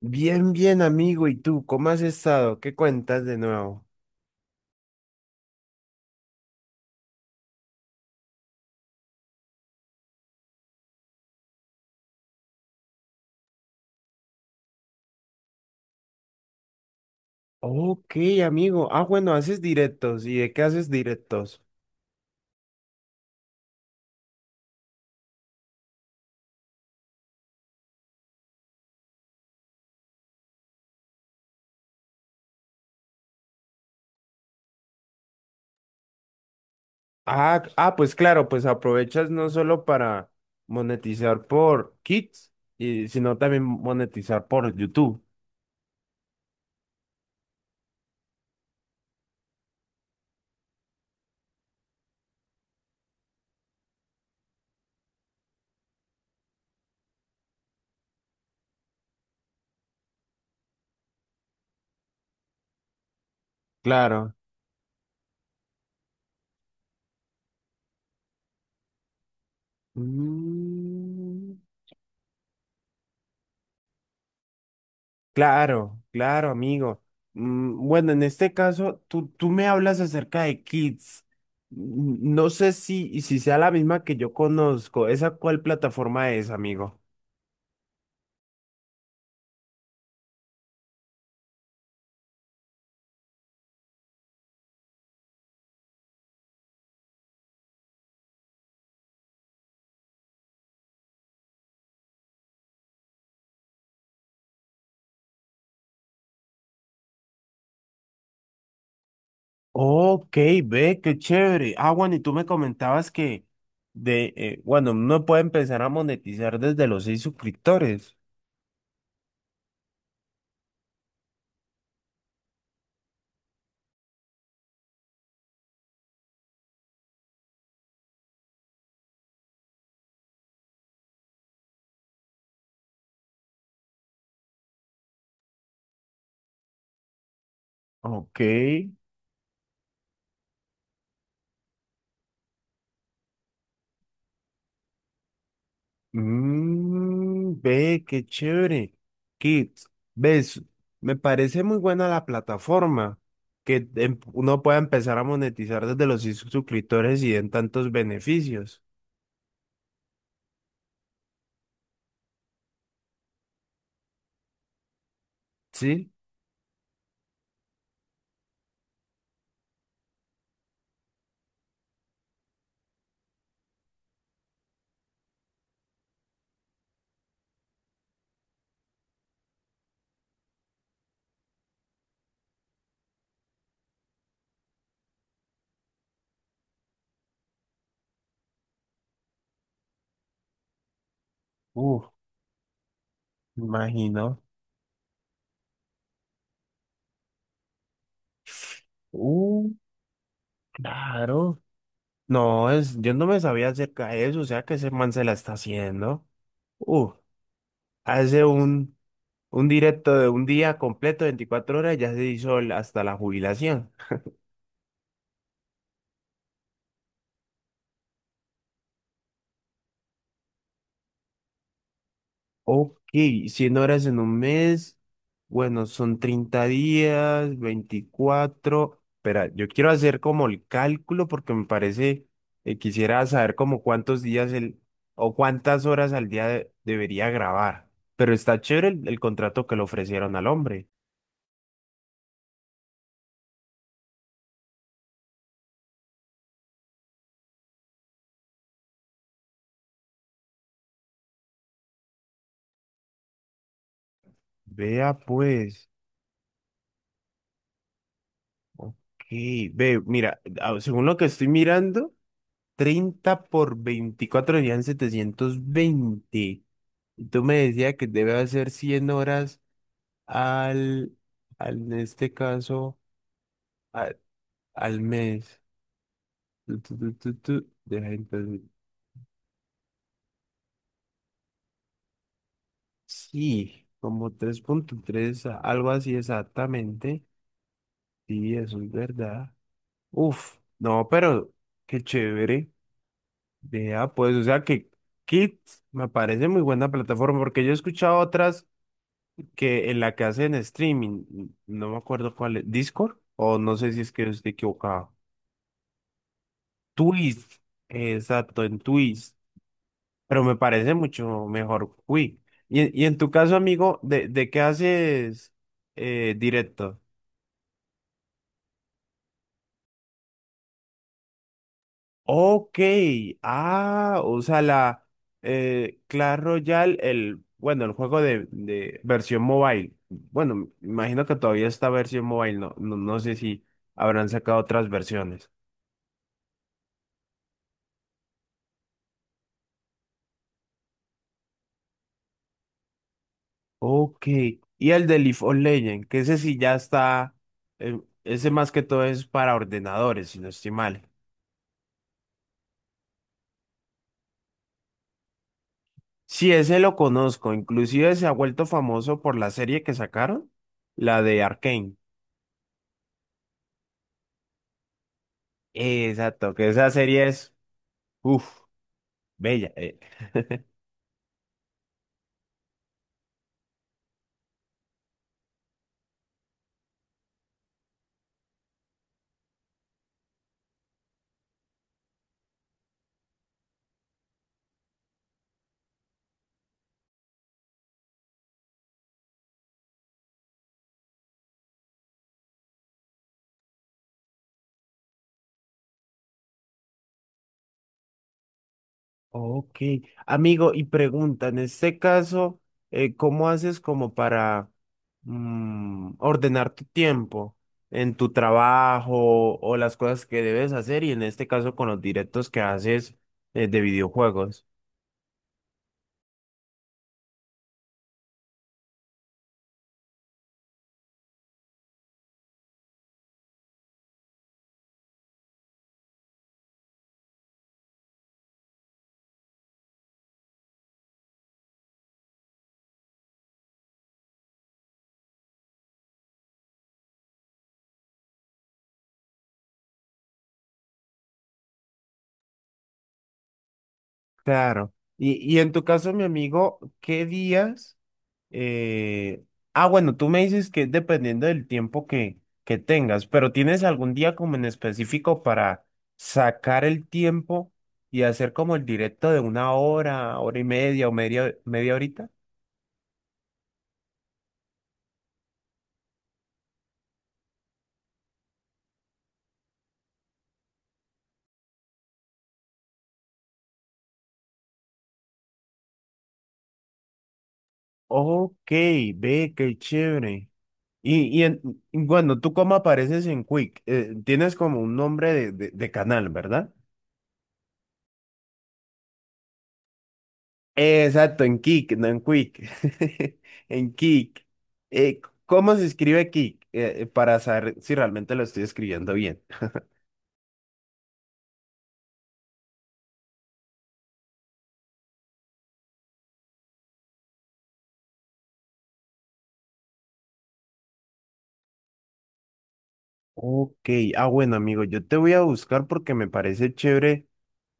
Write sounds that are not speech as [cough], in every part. Bien, bien, amigo. ¿Y tú cómo has estado? ¿Qué cuentas de nuevo? Ok, amigo. Bueno, haces directos. ¿Y de qué haces directos? Pues claro, pues aprovechas no solo para monetizar por Kids, sino también monetizar por YouTube. Claro. Mm. Claro, claro, amigo. Bueno, en este caso, tú me hablas acerca de Kids. No sé si sea la misma que yo conozco. ¿Esa cuál plataforma es, amigo? Ok, ve, qué chévere. Bueno, y tú me comentabas que bueno, uno puede empezar a monetizar desde los 6 suscriptores. Ok. Mm, ve, qué chévere. Kids, ves, me parece muy buena la plataforma que uno pueda empezar a monetizar desde los suscriptores y den tantos beneficios. ¿Sí? Uf, me imagino. Uh, claro. No, es, yo no me sabía acerca de eso, o sea que ese man se la está haciendo. Uh, hace un directo de un día completo, 24 horas, ya se hizo hasta la jubilación. Ok, 100 horas en un mes, bueno, son 30 días, 24. Espera, yo quiero hacer como el cálculo porque me parece, quisiera saber como cuántos días o cuántas horas al día debería grabar. Pero está chévere el contrato que le ofrecieron al hombre. Vea pues, ok, ve, mira, según lo que estoy mirando, 30 por 24 serían 720. Y tú me decías que debe hacer 100 horas al, al en este caso, al, al mes. Deja entonces. Sí, como 3.3, algo así exactamente. Sí, eso es verdad. Uf, no, pero qué chévere. Vea, pues, o sea que Kids me parece muy buena plataforma porque yo he escuchado otras que en la que hacen streaming, no me acuerdo cuál es, Discord, o no sé si es que estoy equivocado. Twist, exacto, en Twist, pero me parece mucho mejor Quick. Y en tu caso, amigo, de qué haces directo? Ok, ah, o sea, la Clash Royale, el, bueno, el juego de versión mobile. Bueno, me imagino que todavía está versión mobile, no sé si habrán sacado otras versiones. Ok. Y el de League of Legends, que ese sí ya está, ese más que todo es para ordenadores, si no estoy mal. Sí, ese lo conozco, inclusive se ha vuelto famoso por la serie que sacaron, la de Arcane. Exacto, que esa serie es, uff, bella. [laughs] Ok, amigo, y pregunta, en este caso, ¿cómo haces como para ordenar tu tiempo en tu trabajo o las cosas que debes hacer y en este caso con los directos que haces de videojuegos? Claro. Y en tu caso, mi amigo, ¿qué días? Eh, bueno, tú me dices que es dependiendo del tiempo que tengas, pero ¿tienes algún día como en específico para sacar el tiempo y hacer como el directo de una hora, hora y media o media, media horita? Ok, ve, qué chévere. Y, y en- y bueno, ¿tú cómo apareces en Quick? Tienes como un nombre de, de canal, ¿verdad? Exacto, en Kik, no en Quick. [laughs] En Kik. ¿Cómo se escribe Kik? Para saber si realmente lo estoy escribiendo bien. Ok, bueno, amigo, yo te voy a buscar porque me parece chévere,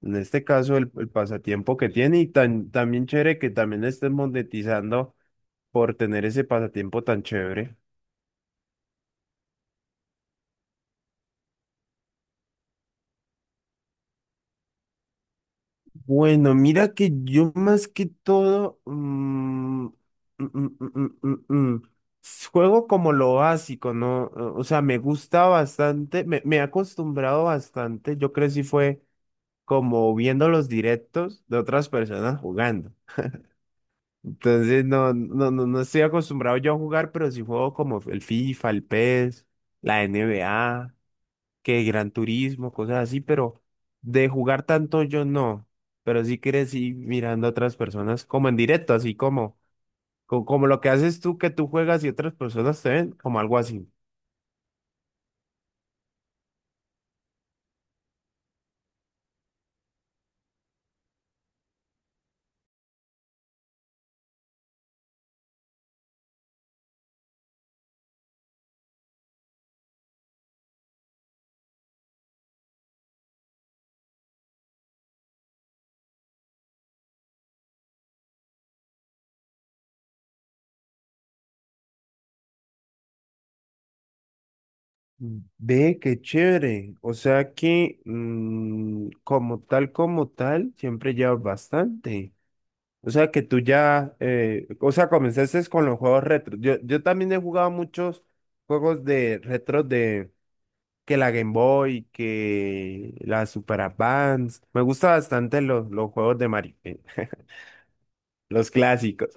en este caso, el pasatiempo que tiene y tan, también chévere que también estés monetizando por tener ese pasatiempo tan chévere. Bueno, mira que yo más que todo mm, mm, mm, mm, mm, mm, juego como lo básico, ¿no? O sea, me gusta bastante, me he acostumbrado bastante. Yo crecí fue como viendo los directos de otras personas jugando. Entonces, no estoy acostumbrado yo a jugar, pero sí juego como el FIFA, el PES, la NBA que Gran Turismo, cosas así, pero de jugar tanto yo no, pero sí crecí mirando a otras personas como en directo, así como, como, lo que haces tú que tú juegas y otras personas te ven, como algo así. Ve, qué chévere. O sea que mm, como tal, siempre llevas bastante. O sea que tú ya, o sea, comenzaste con los juegos retro. Yo también he jugado muchos juegos de retro de que la Game Boy, que la Super Advance. Me gusta bastante los juegos de Mario, los clásicos.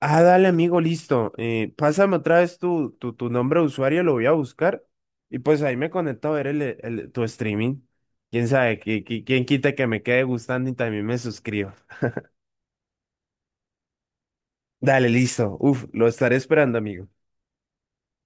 Dale, amigo, listo. Pásame otra vez tu, tu nombre de usuario, lo voy a buscar. Y pues ahí me conecto a ver tu streaming. Quién sabe, quién quita que me quede gustando y también me suscribo. Dale, listo. Uf, lo estaré esperando, amigo.